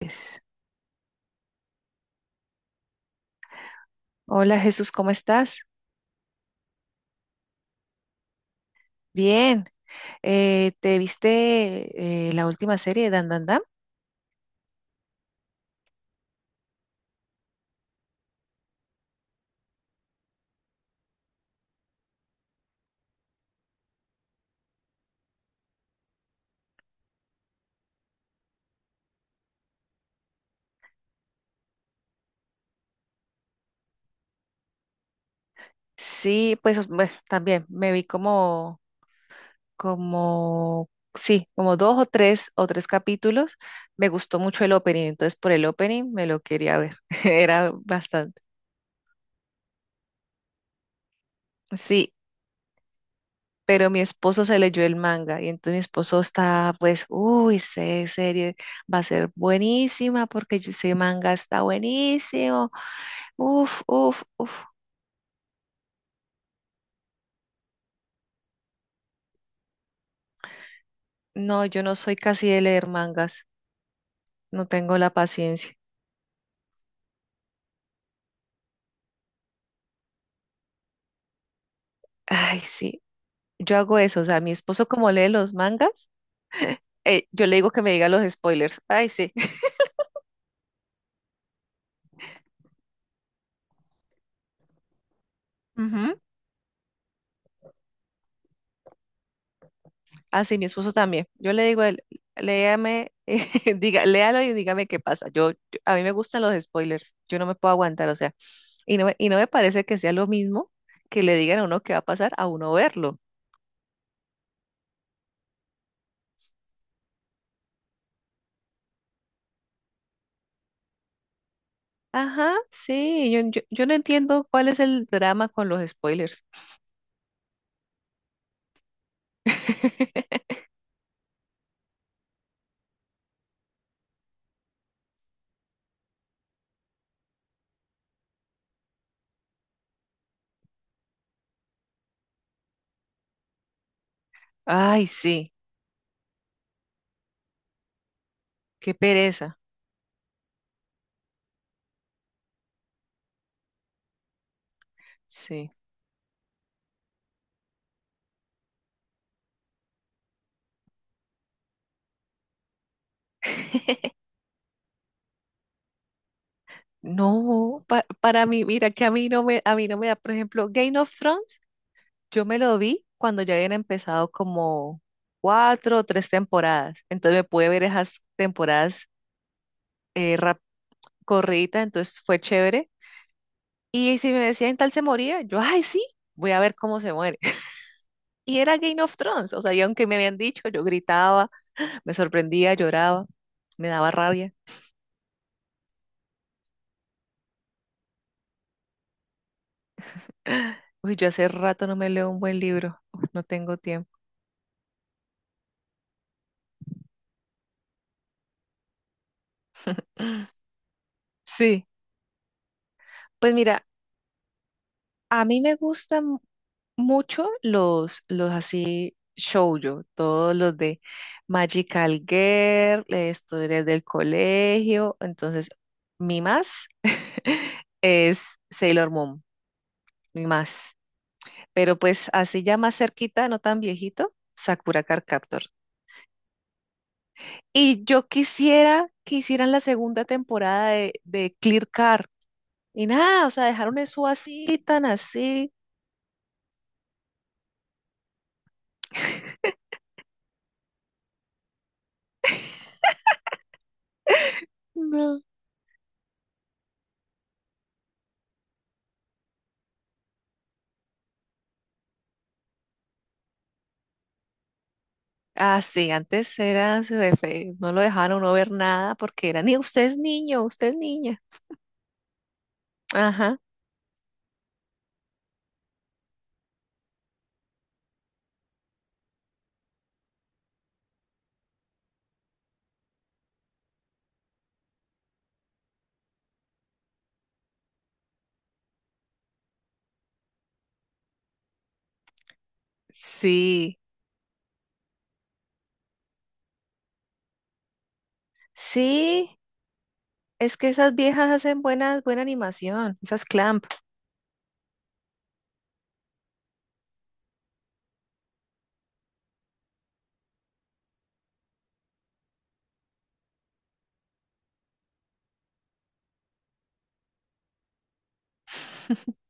Pues, hola, Jesús, ¿cómo estás? Bien. ¿Te viste la última serie de Dan Dan Dan? Sí, pues bueno, también me vi como, sí, como dos o tres capítulos. Me gustó mucho el opening, entonces por el opening me lo quería ver. Era bastante. Sí, pero mi esposo se leyó el manga y entonces mi esposo está, pues, uy, esa serie va a ser buenísima porque ese manga está buenísimo. Uf, uf, uf. No, yo no soy casi de leer mangas. No tengo la paciencia. Ay, sí. Yo hago eso. O sea, mi esposo como lee los mangas, yo le digo que me diga los spoilers. Ay, sí. Ujú. Ah, sí, mi esposo también. Yo le digo, a él, léame, diga, léalo y dígame qué pasa. A mí me gustan los spoilers. Yo no me puedo aguantar, o sea, y no me parece que sea lo mismo que le digan a uno qué va a pasar a uno verlo. Ajá, sí, yo no entiendo cuál es el drama con los spoilers. Ay, sí, qué pereza. Sí. No, para mí, mira que a mí no me da, por ejemplo, Game of Thrones. Yo me lo vi cuando ya habían empezado como cuatro o tres temporadas. Entonces me pude ver esas temporadas eh, rap- corriditas, entonces fue chévere. Y si me decían tal se moría, yo, ay, sí, voy a ver cómo se muere. Y era Game of Thrones, o sea, y aunque me habían dicho, yo gritaba, me sorprendía, lloraba, me daba rabia. Uy, yo hace rato no me leo un buen libro. Uf, no tengo tiempo. Sí, pues mira, a mí me gustan mucho los así shoujo, todos los de Magical Girl, historias del colegio. Entonces, mi más es Sailor Moon, mi más. Pero pues así ya más cerquita, no tan viejito, Sakura Card Captor. Y yo quisiera que hicieran la segunda temporada de Clear Car. Y nada, o sea, dejaron eso así, tan así. No. Así, antes era, no lo dejaron uno ver nada porque era, ni usted es niño, usted es niña. Ajá, sí, sí, es que esas viejas hacen buena, buena animación, esas Clamp.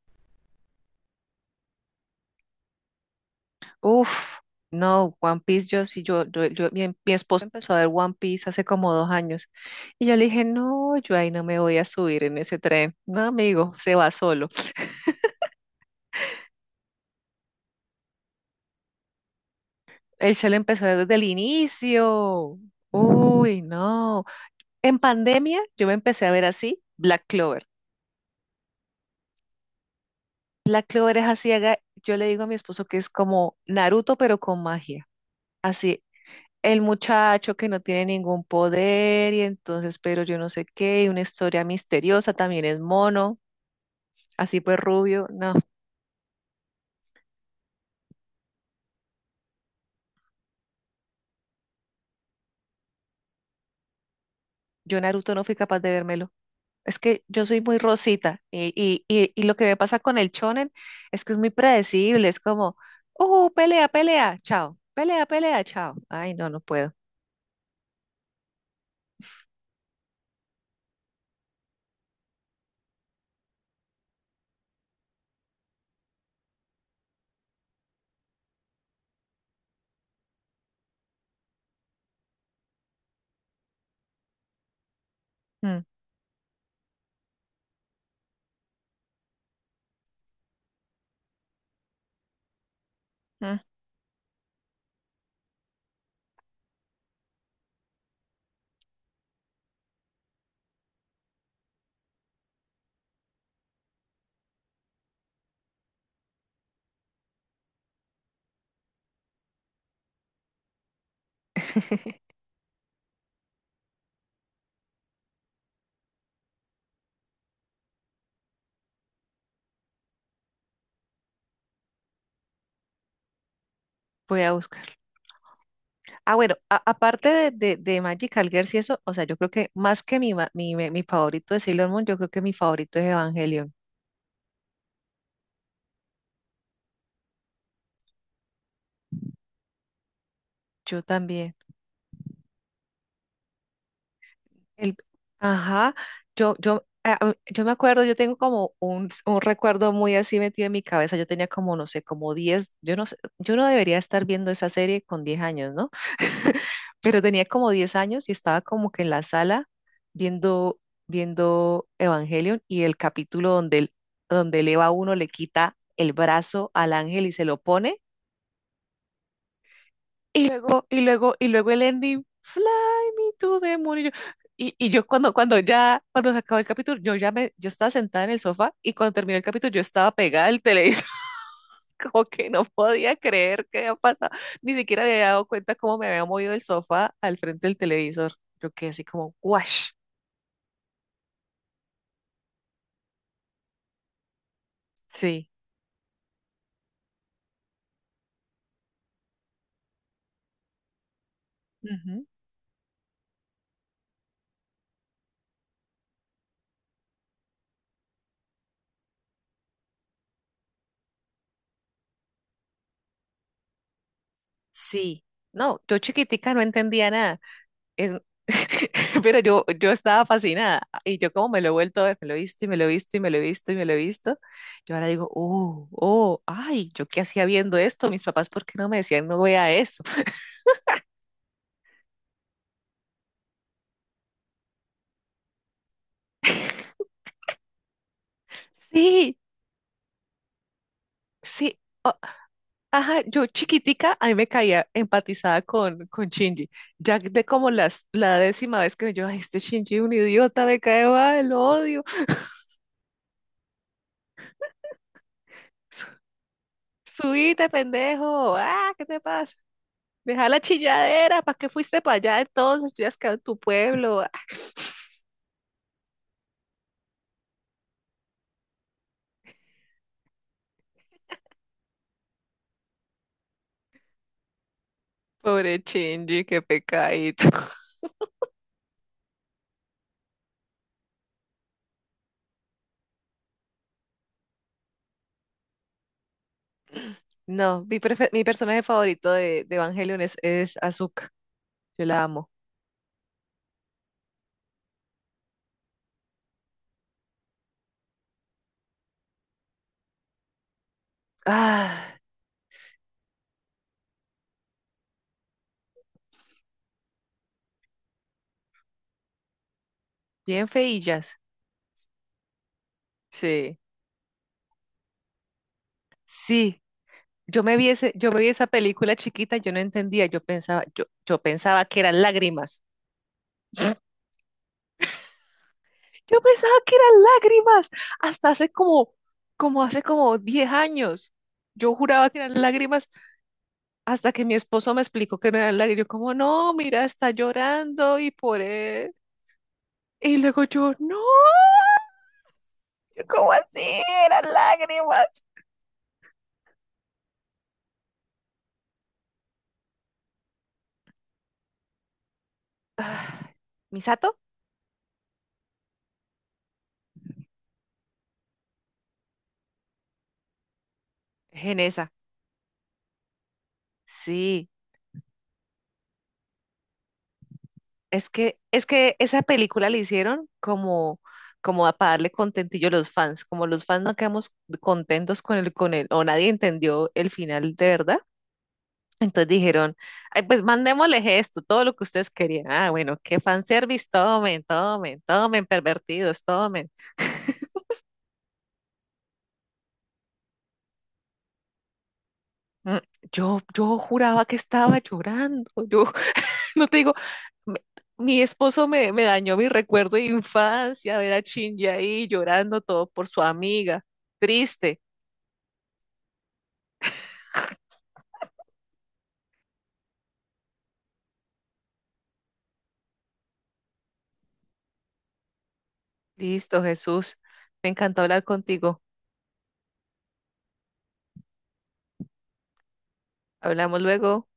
Uf, no, One Piece, yo sí, mi esposo empezó a ver One Piece hace como 2 años y yo le dije, no, yo ahí no me voy a subir en ese tren. No, amigo, se va solo. Él se lo empezó desde el inicio. Uy, no. En pandemia yo me empecé a ver así Black Clover. Black Clover es así, yo le digo a mi esposo que es como Naruto, pero con magia. Sí, el muchacho que no tiene ningún poder y entonces, pero yo no sé qué, y una historia misteriosa, también es mono, así pues rubio. No, yo Naruto no fui capaz de vérmelo. Es que yo soy muy rosita y lo que me pasa con el shonen es que es muy predecible, es como, pelea, pelea, chao, pelea, pelea, chao. Ay, no, no puedo. Mm, mm, Voy a buscar. Ah, bueno, aparte de Magical Girls y eso, o sea, yo creo que más que mi, ma- mi favorito de Sailor Moon, yo creo que mi favorito es Evangelion. Yo también. El, ajá, yo me acuerdo, yo tengo como un recuerdo muy así metido en mi cabeza. Yo tenía como, no sé, como 10. Yo no sé, yo no debería estar viendo esa serie con 10 años, ¿no? Pero tenía como 10 años y estaba como que en la sala viendo, viendo Evangelion y el capítulo donde, donde el Eva uno le quita el brazo al ángel y se lo pone. Y luego, el ending, Fly me to the moon. Y yo cuando, ya, cuando se acabó el capítulo, yo estaba sentada en el sofá y cuando terminó el capítulo yo estaba pegada al televisor, como que no podía creer que había pasado. Ni siquiera me había dado cuenta cómo me había movido el sofá al frente del televisor. Yo quedé así como, guash. Sí. Ujú, sí. No, yo chiquitica no entendía nada. Es, pero yo estaba fascinada y yo como me lo he vuelto a ver, me lo he visto y me lo he visto y me lo he visto y me lo he visto, yo ahora digo, oh, oh, ay, ¿yo qué hacía viendo esto? Mis papás, ¿por qué no me decían no vea eso? Sí, sí, oh, ajá, yo chiquitica, a mí me caía empatizada con Shinji, ya de como la 10.ª vez que yo, ay, este Shinji es un idiota, me cae mal, lo odio, su, subite, pendejo, ah, ¿qué te pasa? Deja la chilladera, ¿para qué fuiste para allá de todos? Estudias que en tu pueblo. Ah, pobre Shinji, qué pecadito. No, mi personaje favorito de Evangelion es Asuka. Yo la amo. Ah, bien feillas. Sí, sí. Yo me vi esa película chiquita, yo no entendía, yo pensaba, yo pensaba que eran lágrimas. Yo pensaba que eran lágrimas. Hasta hace como hace como 10 años. Yo juraba que eran lágrimas. Hasta que mi esposo me explicó que no era el lago, yo como, no, mira, está llorando y por él. Y luego yo, no, yo, ¿cómo así? Eran lágrimas. ¿Misato? Genesa. Sí, es que esa película la hicieron como, como para darle contentillo a los fans. Como los fans no quedamos contentos con el, o nadie entendió el final de verdad. Entonces dijeron, ay, pues mandémosle esto, todo lo que ustedes querían. Ah, bueno, qué fanservice, tomen, tomen, tomen, pervertidos, tomen. Mm, yo juraba que estaba llorando. Yo no te digo, me- mi esposo me dañó mi recuerdo de infancia, ver a Shinji ahí llorando todo por su amiga. Triste. Listo, Jesús. Me encantó hablar contigo. Hablamos luego.